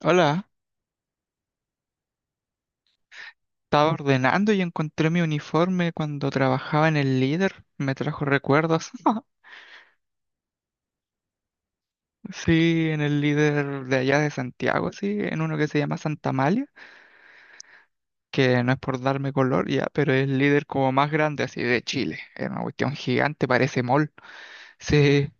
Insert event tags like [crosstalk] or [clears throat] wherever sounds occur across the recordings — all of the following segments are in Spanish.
Hola, estaba ordenando y encontré mi uniforme cuando trabajaba en el Líder. Me trajo recuerdos. [laughs] Sí, en el Líder de allá de Santiago, sí, en uno que se llama Santa Malia, que no es por darme color ya, pero es el Líder como más grande así de Chile. Es una cuestión gigante, parece mall. Sí,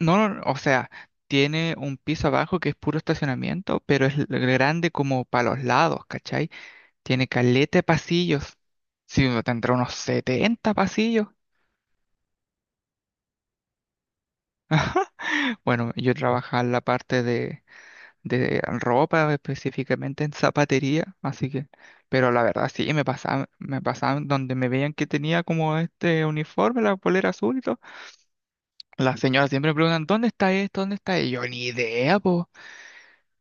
no, no, o sea, tiene un piso abajo que es puro estacionamiento, pero es grande como para los lados, ¿cachai? Tiene caleta de pasillos. Sí, uno tendrá unos 70 pasillos. Bueno, yo trabajaba en la parte de ropa, específicamente en zapatería, así que, pero la verdad sí, me pasaban donde me veían que tenía como este uniforme, la polera azul y todo. Las señoras siempre me preguntan, ¿dónde está esto? ¿Dónde está? Y yo ni idea, po.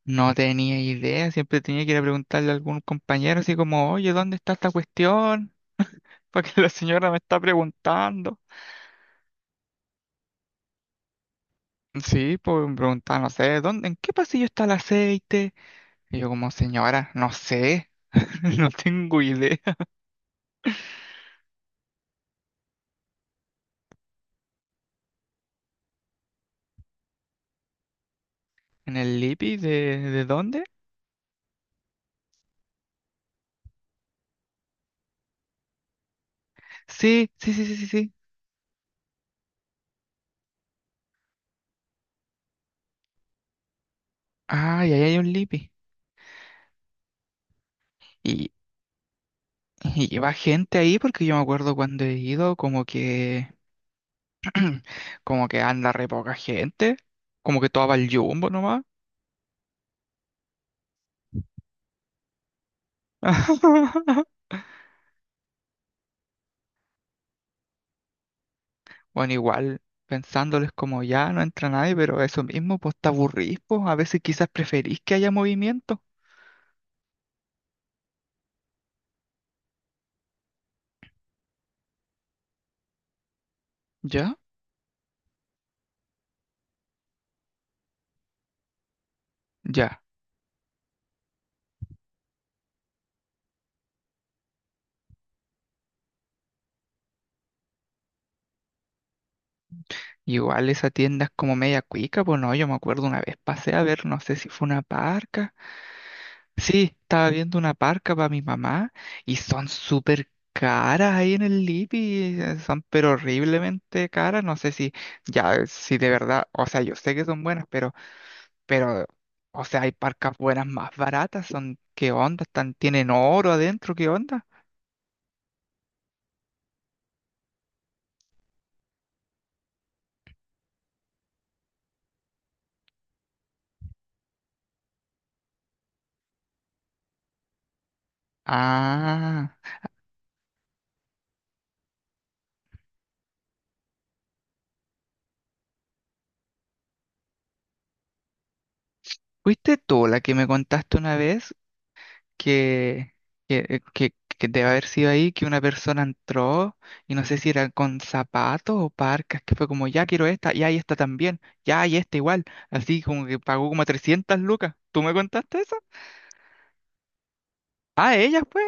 No tenía idea, siempre tenía que ir a preguntarle a algún compañero así como, oye, ¿dónde está esta cuestión? [laughs] Porque la señora me está preguntando. Sí, pues me preguntaban, no sé, ¿dónde, en qué pasillo está el aceite? Y yo como, señora, no sé, [laughs] no tengo idea. ¿En el Lipi de dónde? Sí, sí, sí, sí, sí, sí. Ah, y ahí hay un Lipi. Y, y lleva gente ahí porque yo me acuerdo cuando he ido como que, [clears throat] como que anda re poca gente, como que todo va al jumbo nomás. [laughs] Bueno, igual, pensándoles como ya no entra nadie, pero eso mismo, pues te aburrís, pues a veces quizás preferís que haya movimiento. ¿Ya? Ya. Y igual esa tienda es como media cuica, pues no, yo me acuerdo una vez pasé a ver, no sé si fue una parca. Sí, estaba viendo una parca para mi mamá y son súper caras ahí en el Lipi, son pero horriblemente caras, no sé si ya, si de verdad, o sea, yo sé que son buenas, pero, o sea, hay parcas buenas más baratas, son, ¿qué onda? Están, tienen oro adentro, ¿qué onda? Ah, ¿fuiste tú la que me contaste una vez que, que debe haber sido ahí que una persona entró y no sé si era con zapatos o parcas, que fue como, ya quiero esta, ya y esta también, ya y esta igual, así como que pagó como 300 lucas. ¿Tú me contaste eso? Ah, ella fue.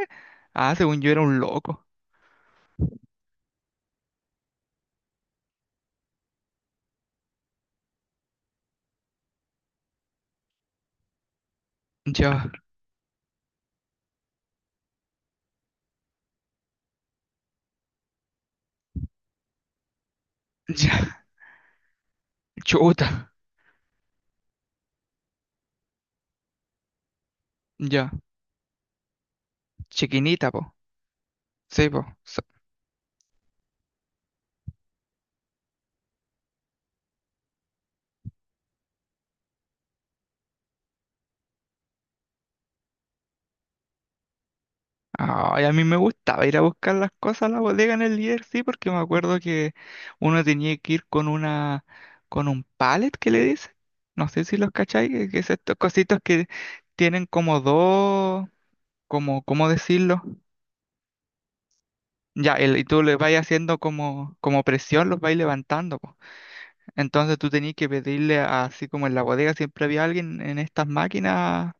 Ah, según yo era un loco. Ya, ya, [laughs] chuta, ya, chiquinita, po. Sí, po. Ay, a mí me gustaba ir a buscar las cosas a la bodega en el líder, sí, porque me acuerdo que uno tenía que ir con una, con un pallet que le dice, no sé si los cacháis, que es estos cositos que tienen como dos, como, ¿cómo decirlo? Ya, y tú le vas haciendo como, como presión, los vais levantando, po. Entonces tú tenías que pedirle así como en la bodega siempre había alguien en estas máquinas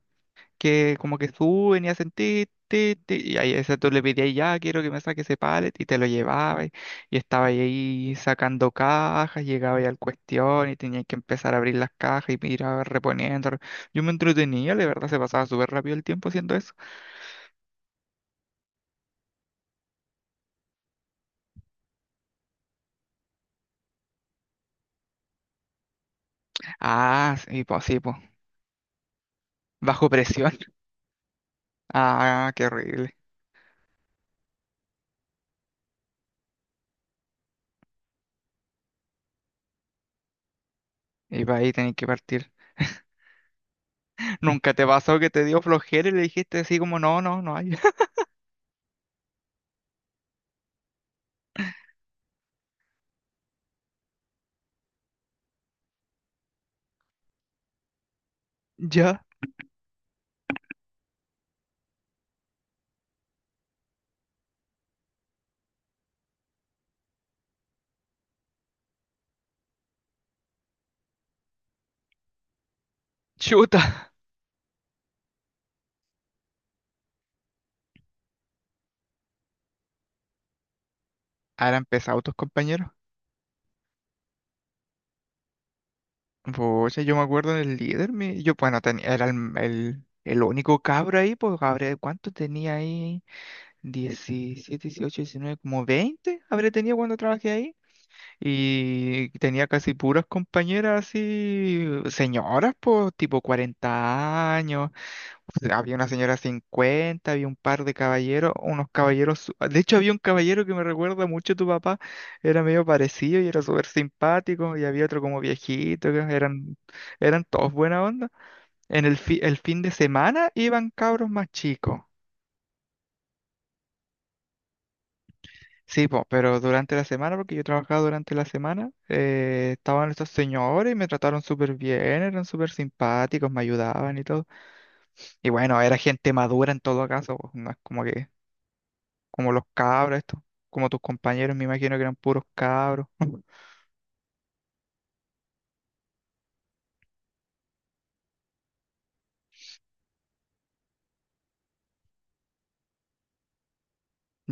que como que suben y hacen ti, ti, ti, y ahí ese tú le pedías ya, quiero que me saque ese pallet y te lo llevaba y estaba ahí sacando cajas, llegaba ahí al cuestión y tenía que empezar a abrir las cajas y ir reponiendo. Yo me entretenía, la verdad se pasaba súper rápido el tiempo haciendo eso. Ah, sí, pues, bajo presión. [laughs] Ah, qué horrible. Y para ahí tenés que partir. ¿Nunca te pasó que te dio flojera y le dijiste así como, no, no, no hay? [laughs] Ya, chuta. Ahora empezado tus compañeros. Pucha, yo me acuerdo del líder, mi, yo, bueno, tenía, era el único cabro ahí, pues, habré, ¿cuánto tenía ahí? 17, 18, 19, como 20 habré tenido cuando trabajé ahí. Y tenía casi puras compañeras así, señoras, pues, tipo 40 años. [laughs] Había una señora 50, había un par de caballeros, unos caballeros. De hecho, había un caballero que me recuerda mucho a tu papá, era medio parecido y era súper simpático, y había otro como viejito, que eran, eran todos buena onda. En el, el fin de semana iban cabros más chicos. Sí, po, pero durante la semana, porque yo trabajaba durante la semana, estaban estos señores y me trataron súper bien, eran súper simpáticos, me ayudaban y todo. Y bueno, era gente madura en todo caso, pues, no es como que como los cabros, estos, como tus compañeros, me imagino que eran puros cabros. [laughs]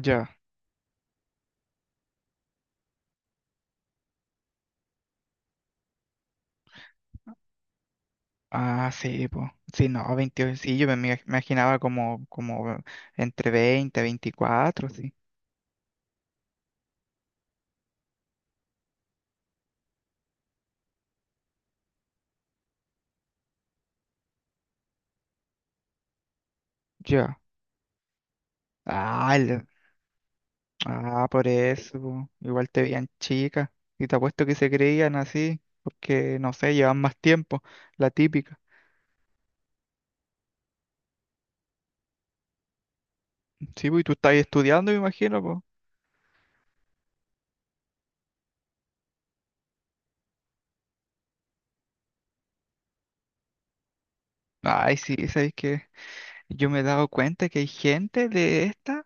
Ya. Ah, sí, pues. Sí, no, 28 sí, yo me imaginaba como, como entre 20, 24, sí. Ya. Ah, ah, por eso, po. Igual te veían chicas. Y te apuesto que se creían así, porque, no sé, llevan más tiempo, la típica. Sí, pues, y tú estás estudiando, me imagino, pues. Ay, sí, ¿sabes qué? Yo me he dado cuenta que hay gente de esta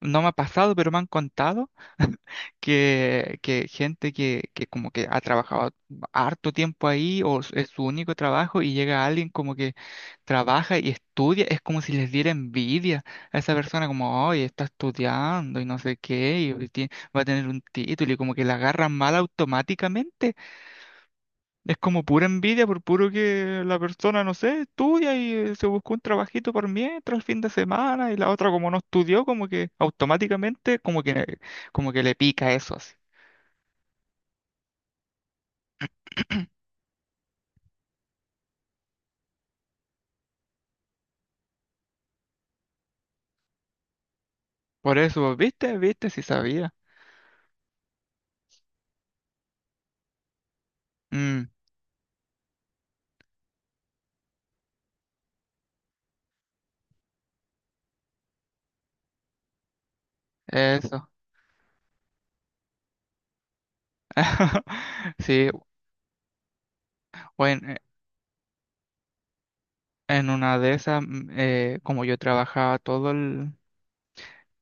no me ha pasado, pero me han contado [laughs] que, que gente que como que ha trabajado harto tiempo ahí o es su único trabajo y llega alguien como que trabaja y estudia, es como si les diera envidia a esa persona como, oye, está estudiando y no sé qué, y hoy va a tener un título y como que la agarran mal automáticamente. Es como pura envidia por puro que la persona, no sé, estudia y se buscó un trabajito por mientras el fin de semana y la otra como no estudió, como que automáticamente como que le pica eso así. [clears throat] Por eso, ¿viste? ¿Viste? Si sabía. Mm, eso. [laughs] Sí, bueno, en una de esas, mm, como yo trabajaba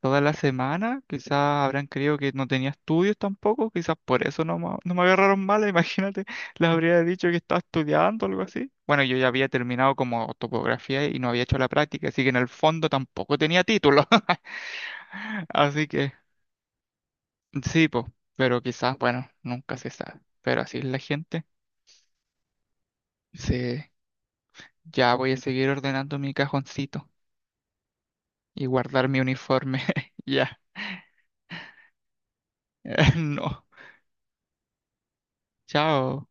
toda la semana. Quizás habrán creído que no tenía estudios tampoco. Quizás por eso no, no me agarraron mal. [laughs] Imagínate, les habría dicho que estaba estudiando o algo así. Bueno, yo ya había terminado como topografía y no había hecho la práctica, así que en el fondo tampoco tenía título. [laughs] Así que sí, pues, pero quizás, bueno, nunca se sabe. Pero así es la gente. Sí, ya voy a seguir ordenando mi cajoncito y guardar mi uniforme. [laughs] Ya. [laughs] No. Chao.